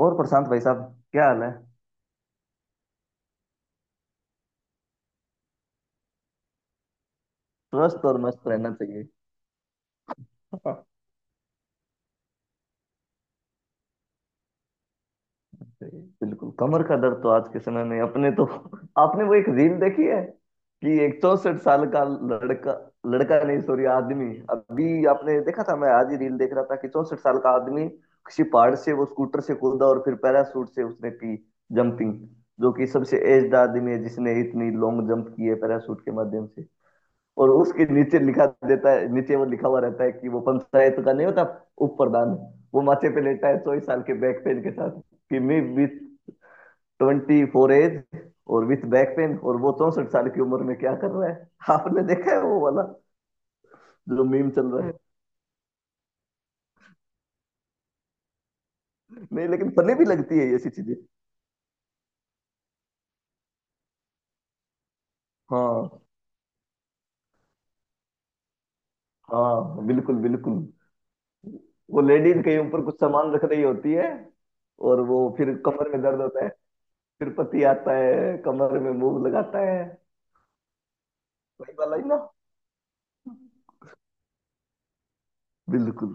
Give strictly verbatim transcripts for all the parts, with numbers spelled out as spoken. और प्रशांत भाई साहब, क्या हाल है? स्वस्थ और मस्त रहना चाहिए। हाँ, सही है। बिल्कुल, कमर का दर्द तो आज के समय में अपने तो आपने वो एक रील देखी है कि एक चौसठ साल का लड़का लड़का नहीं सॉरी आदमी, अभी आपने देखा था? मैं आज ही रील देख रहा था कि चौसठ साल का आदमी किसी पहाड़ से वो स्कूटर से कूदा और फिर पैराशूट से उसने की जंपिंग, जो कि सबसे एज्ड आदमी है जिसने इतनी लॉन्ग जंप की है पैराशूट के माध्यम से। और उसके नीचे लिखा देता है, नीचे वो लिखा हुआ रहता है कि वो पंचायत का नहीं होता उप प्रधान, वो माथे पे लेटा है चौबीस साल के बैक पेन के साथ कि मैं विथ ट्वेंटी फोर एज और विथ बैक पेन। और वो चौसठ साल की उम्र में क्या कर रहा है आपने देखा है, वो वाला जो मीम चल रहा है? नहीं, लेकिन फनी भी लगती है ये ऐसी चीजें। हाँ, हाँ बिल्कुल बिल्कुल। वो लेडीज कहीं ऊपर कुछ सामान रख रही होती है और वो फिर कमर में दर्द होता है, फिर पति आता है कमर में मूव लगाता है। वही वाला ही ना। बिल्कुल।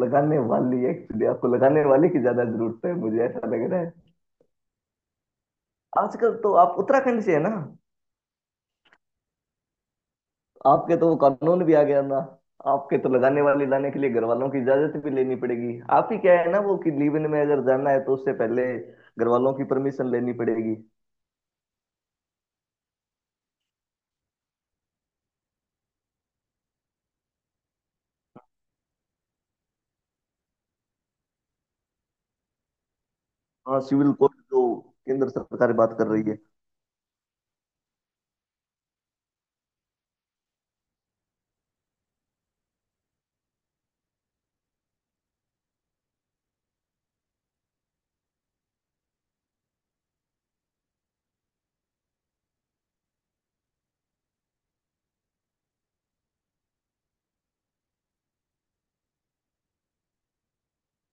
लगाने वाली, एक्चुअली आपको लगाने वाले की ज्यादा जरूरत है, मुझे ऐसा लग रहा है। आजकल तो आप उत्तराखंड से है ना, आपके तो वो कानून भी आ गया ना, आपके तो लगाने वाले लाने के लिए घर वालों की इजाजत भी लेनी पड़ेगी। आप ही क्या है ना वो कि लीव इन में अगर जाना है तो उससे पहले घर वालों की परमिशन लेनी पड़ेगी। हाँ, सिविल कोर्ट जो केंद्र सरकार बात कर रही है।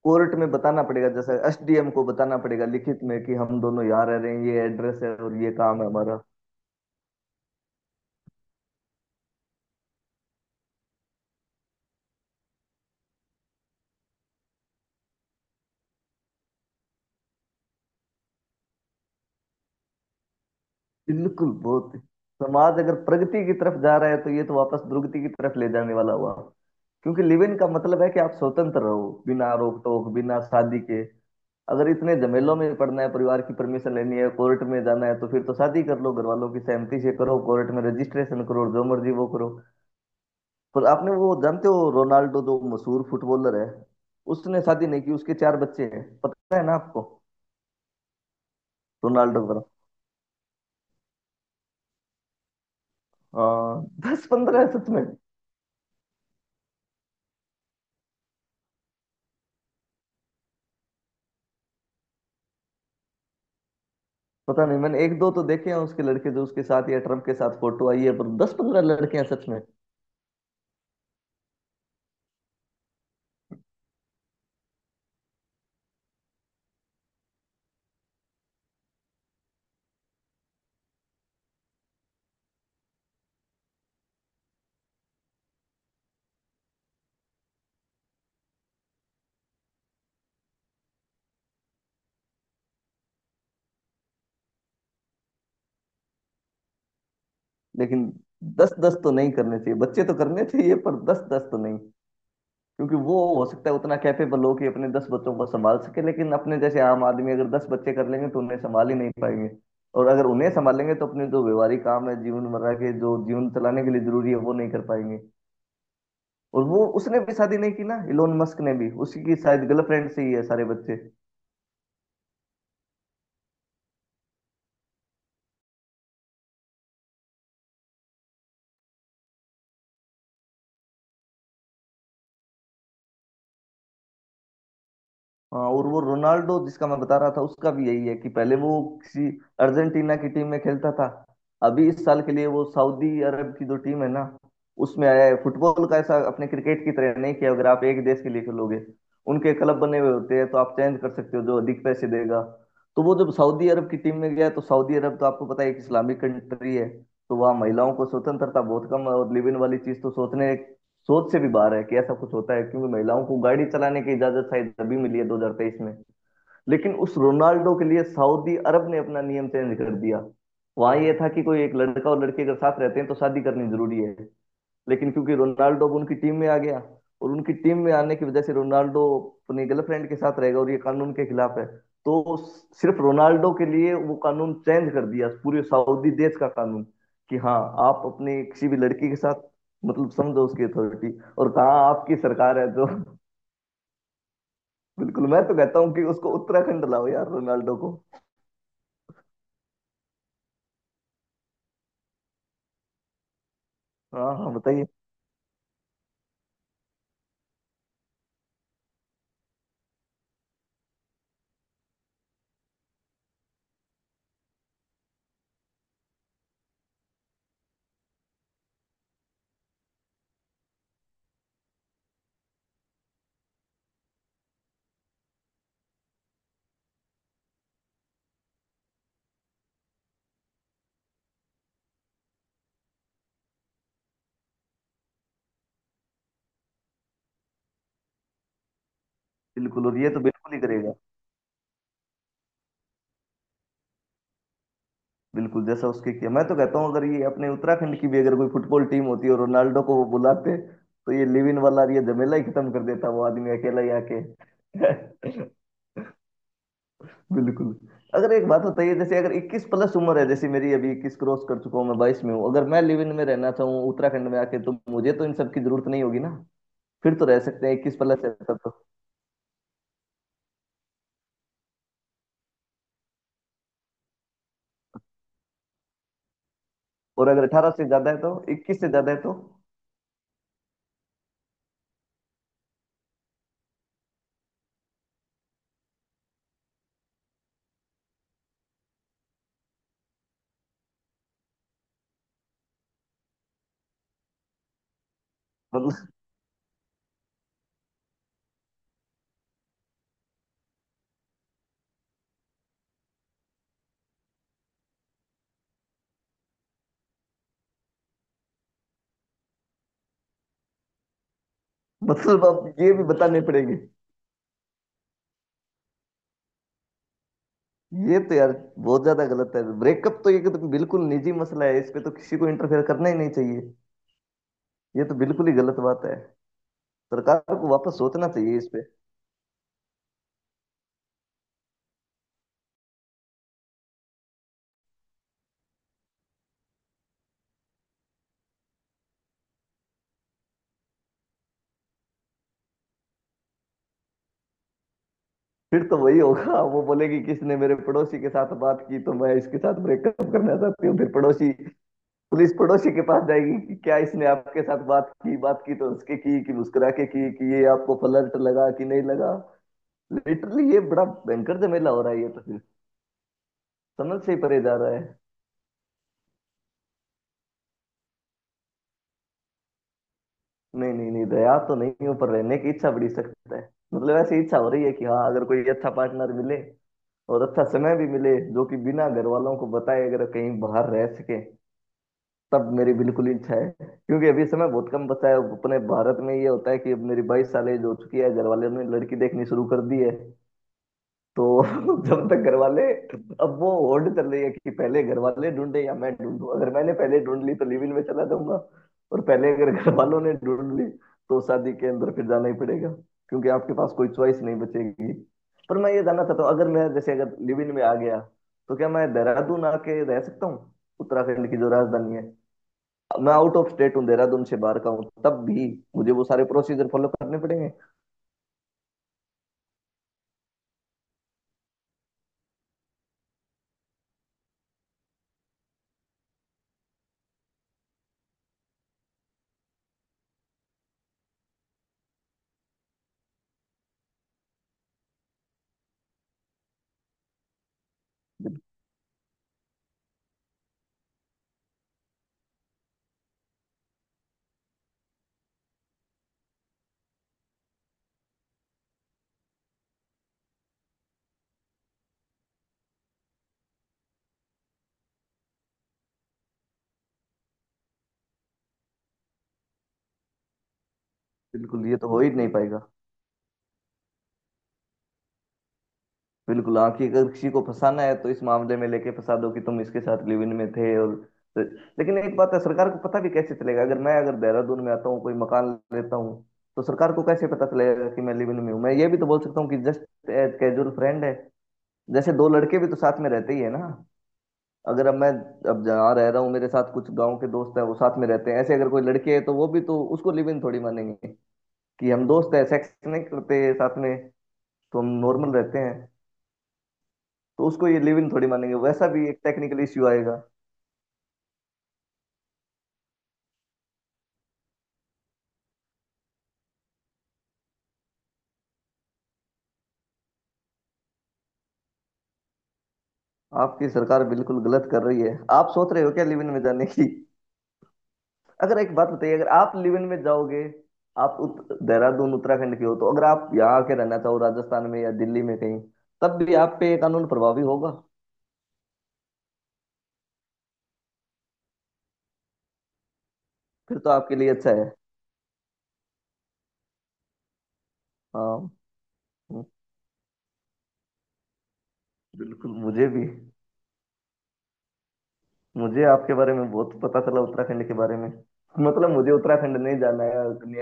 कोर्ट में बताना पड़ेगा, जैसे एसडीएम को बताना पड़ेगा लिखित में कि हम दोनों यहाँ रह रहे हैं, ये एड्रेस है और ये काम है हमारा। बिल्कुल, बहुत। समाज अगर प्रगति की तरफ जा रहा है तो ये तो वापस दुर्गति की तरफ ले जाने वाला हुआ, क्योंकि लिव इन का मतलब है कि आप स्वतंत्र रहो बिना रोक टोक बिना शादी के। अगर इतने झमेलों में पड़ना है, परिवार की परमिशन लेनी है, कोर्ट में जाना है, तो फिर तो शादी कर लो घर वालों की सहमति से, करो कोर्ट में रजिस्ट्रेशन, करो जो मर्जी वो करो। पर आपने वो जानते हो रोनाल्डो जो मशहूर फुटबॉलर है, उसने शादी नहीं की, उसके चार बच्चे हैं, पता है ना आपको? रोनाल्डो का। हाँ, दस पंद्रह है सच में। पता नहीं, मैंने एक दो तो देखे हैं उसके लड़के जो उसके साथ या ट्रम्प के साथ फोटो आई है, पर दस पंद्रह लड़के हैं सच में। लेकिन दस दस तो नहीं करने चाहिए, बच्चे तो करने चाहिए पर दस दस तो नहीं, क्योंकि वो हो सकता है उतना कैपेबल हो कि अपने दस बच्चों को संभाल सके, लेकिन अपने जैसे आम आदमी अगर दस बच्चे कर लेंगे तो उन्हें संभाल ही नहीं पाएंगे। और अगर उन्हें संभालेंगे तो अपने जो व्यवहारिक काम है, जीवन मर्रा के जो जीवन चलाने के लिए जरूरी है, वो नहीं कर पाएंगे। और वो उसने भी शादी नहीं की ना, इलोन मस्क ने भी उसी की शायद गर्लफ्रेंड से ही है सारे बच्चे। हाँ, और वो रोनाल्डो जिसका मैं बता रहा था उसका भी यही है कि पहले वो किसी अर्जेंटीना की टीम में खेलता था, अभी इस साल के लिए वो सऊदी अरब की जो टीम है ना, उसमें आया है। फुटबॉल का ऐसा, अपने क्रिकेट की तरह नहीं किया अगर आप एक देश के लिए खेलोगे। उनके क्लब बने हुए होते हैं तो आप चेंज कर सकते हो जो अधिक पैसे देगा। तो वो जब सऊदी अरब की टीम में गया, तो सऊदी अरब तो आपको पता है एक इस्लामिक कंट्री है, तो वहाँ महिलाओं को स्वतंत्रता बहुत कम है और लिव इन वाली चीज तो सोचने सोच से भी बाहर है कि ऐसा कुछ होता है, क्योंकि महिलाओं को गाड़ी चलाने की इजाजत शायद अभी मिली है दो हज़ार तेईस में। लेकिन उस रोनाल्डो के लिए सऊदी अरब ने अपना नियम चेंज कर दिया। वहां ये था कि कोई एक लड़का और लड़की अगर साथ रहते हैं तो शादी करनी जरूरी है, लेकिन क्योंकि रोनाल्डो अब उनकी टीम में आ गया, और उनकी टीम में आने की वजह से रोनाल्डो अपनी गर्लफ्रेंड के साथ रहेगा और ये कानून के खिलाफ है, तो सिर्फ रोनाल्डो के लिए वो कानून चेंज कर दिया, पूरे सऊदी देश का कानून, कि हाँ आप अपनी किसी भी लड़की के साथ। मतलब समझो उसकी अथॉरिटी, और कहा आपकी सरकार है जो। बिल्कुल, मैं तो कहता हूँ कि उसको उत्तराखंड लाओ यार, रोनाल्डो को। हाँ हाँ, बताइए। बिल्कुल, और ये तो बिल्कुल ही करेगा। बिल्कुल, जैसा उसके किया। मैं तो कहता हूँ अगर ये अपने उत्तराखंड की भी अगर कोई फुटबॉल टीम होती और रोनाल्डो को वो बुलाते, तो ये लिव इन वाला ये झमेला ही खत्म कर देता, वो आदमी अकेला ही आके। बिल्कुल। अगर एक बात बताइए, जैसे अगर इक्कीस प्लस उम्र है, जैसे मेरी अभी, इक्कीस क्रॉस कर चुका हूँ, मैं बाईस में हूँ, अगर मैं लिव इन में रहना चाहूँ उत्तराखंड में आके, तो मुझे तो इन सब की जरूरत नहीं होगी ना? फिर तो रह सकते हैं, इक्कीस प्लस है तब तो। और अगर अठारह से ज्यादा है तो इक्कीस से ज्यादा है तो? मतलब मतलब अब ये भी बताने पड़ेंगे? ये तो यार बहुत ज्यादा गलत है। ब्रेकअप तो ये कि तो बिल्कुल निजी मसला है, इस पे तो किसी को इंटरफेयर करना ही नहीं चाहिए। ये तो बिल्कुल ही गलत बात है, सरकार को वापस सोचना चाहिए इस पे। फिर तो वही होगा, वो बोलेगी किसने मेरे पड़ोसी के साथ बात की तो मैं इसके साथ ब्रेकअप करना चाहती हूँ, फिर पड़ोसी, पुलिस पड़ोसी के पास जाएगी कि क्या इसने आपके साथ बात की, बात की तो उसके की, कि मुस्कुरा के की, कि ये आपको फ्लर्ट लगा कि नहीं लगा। लिटरली ये बड़ा भयंकर झमेला हो रहा है ये तो, फिर समझ से ही परे जा रहा है। नहीं नहीं नहीं, दया तो नहीं हो पर रहने की इच्छा बड़ी सख्त है। मतलब ऐसी इच्छा हो रही है कि हाँ, अगर कोई अच्छा पार्टनर मिले और अच्छा समय भी मिले, जो कि बिना घर वालों को बताए अगर कहीं बाहर रह सके, तब मेरी बिल्कुल इच्छा है। क्योंकि अभी समय बहुत कम बचा है, अपने भारत में ये होता है कि अब मेरी बाईस साल एज हो चुकी है, घर वालों ने लड़की देखनी शुरू कर दी है। तो जब तक घर वाले, अब वो होड़ चल रही है कि पहले घर वाले ढूंढे या मैं ढूंढूं। अगर मैंने पहले ढूंढ ली तो लिव इन में चला जाऊंगा, और पहले अगर घर वालों ने ढूंढ ली तो शादी के अंदर फिर जाना ही पड़ेगा, क्योंकि आपके पास कोई चॉइस नहीं बचेगी। पर मैं ये जानना चाहता हूँ, अगर मैं जैसे अगर लिव इन में आ गया तो क्या मैं देहरादून आके रह सकता हूँ, उत्तराखंड की जो राजधानी है? मैं आउट ऑफ स्टेट हूँ, देहरादून से बाहर का हूँ, तब भी मुझे वो सारे प्रोसीजर फॉलो करने पड़ेंगे? बिल्कुल, ये तो हो ही नहीं पाएगा। बिल्कुल, आखिर अगर किसी को फंसाना है तो इस मामले में लेके फंसा दो कि तुम इसके साथ लिव इन में थे, और तो, लेकिन एक बात है, सरकार को पता भी कैसे चलेगा? अगर मैं अगर देहरादून में आता हूँ, कोई मकान लेता हूँ, तो सरकार को कैसे पता चलेगा कि मैं लिव इन में हूँ? मैं ये भी तो बोल सकता हूँ कि जस्ट एज कैजुअल फ्रेंड है, जैसे दो लड़के भी तो साथ में रहते ही है ना। अगर अब मैं, अब जहाँ रह रहा हूँ मेरे साथ कुछ गांव के दोस्त हैं, वो साथ में रहते हैं, ऐसे अगर कोई लड़की है तो वो भी तो उसको लिव इन थोड़ी मानेंगे। कि हम दोस्त हैं, सेक्स नहीं करते साथ में, तो हम नॉर्मल रहते हैं, तो उसको ये लिव इन थोड़ी मानेंगे। वैसा भी एक टेक्निकल इश्यू आएगा। आपकी सरकार बिल्कुल गलत कर रही है, आप सोच रहे हो क्या लिव इन में जाने की? अगर एक बात बताइए, अगर आप लिव इन में जाओगे, आप उत, देहरादून उत्तराखंड के हो, तो अगर आप यहाँ आके रहना चाहो राजस्थान में या दिल्ली में कहीं, तब भी आप पे ये कानून प्रभावी होगा? फिर तो आपके लिए अच्छा है। हाँ। बिल्कुल, मुझे भी। मुझे आपके बारे में बहुत पता चला, उत्तराखंड के बारे में। मतलब मुझे उत्तराखंड नहीं जाना है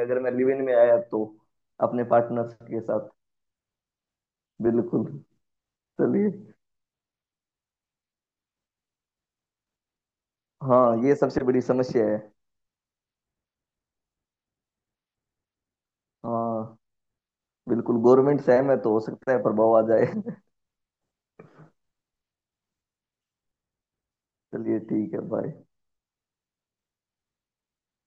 अगर मैं लिव इन में आया तो, अपने पार्टनर के साथ। बिल्कुल। चलिए। हाँ, ये सबसे बड़ी समस्या है। हाँ, बिल्कुल गवर्नमेंट से है मैं तो, हो सकता है प्रभाव आ जाए। चलिए ठीक है, बाय।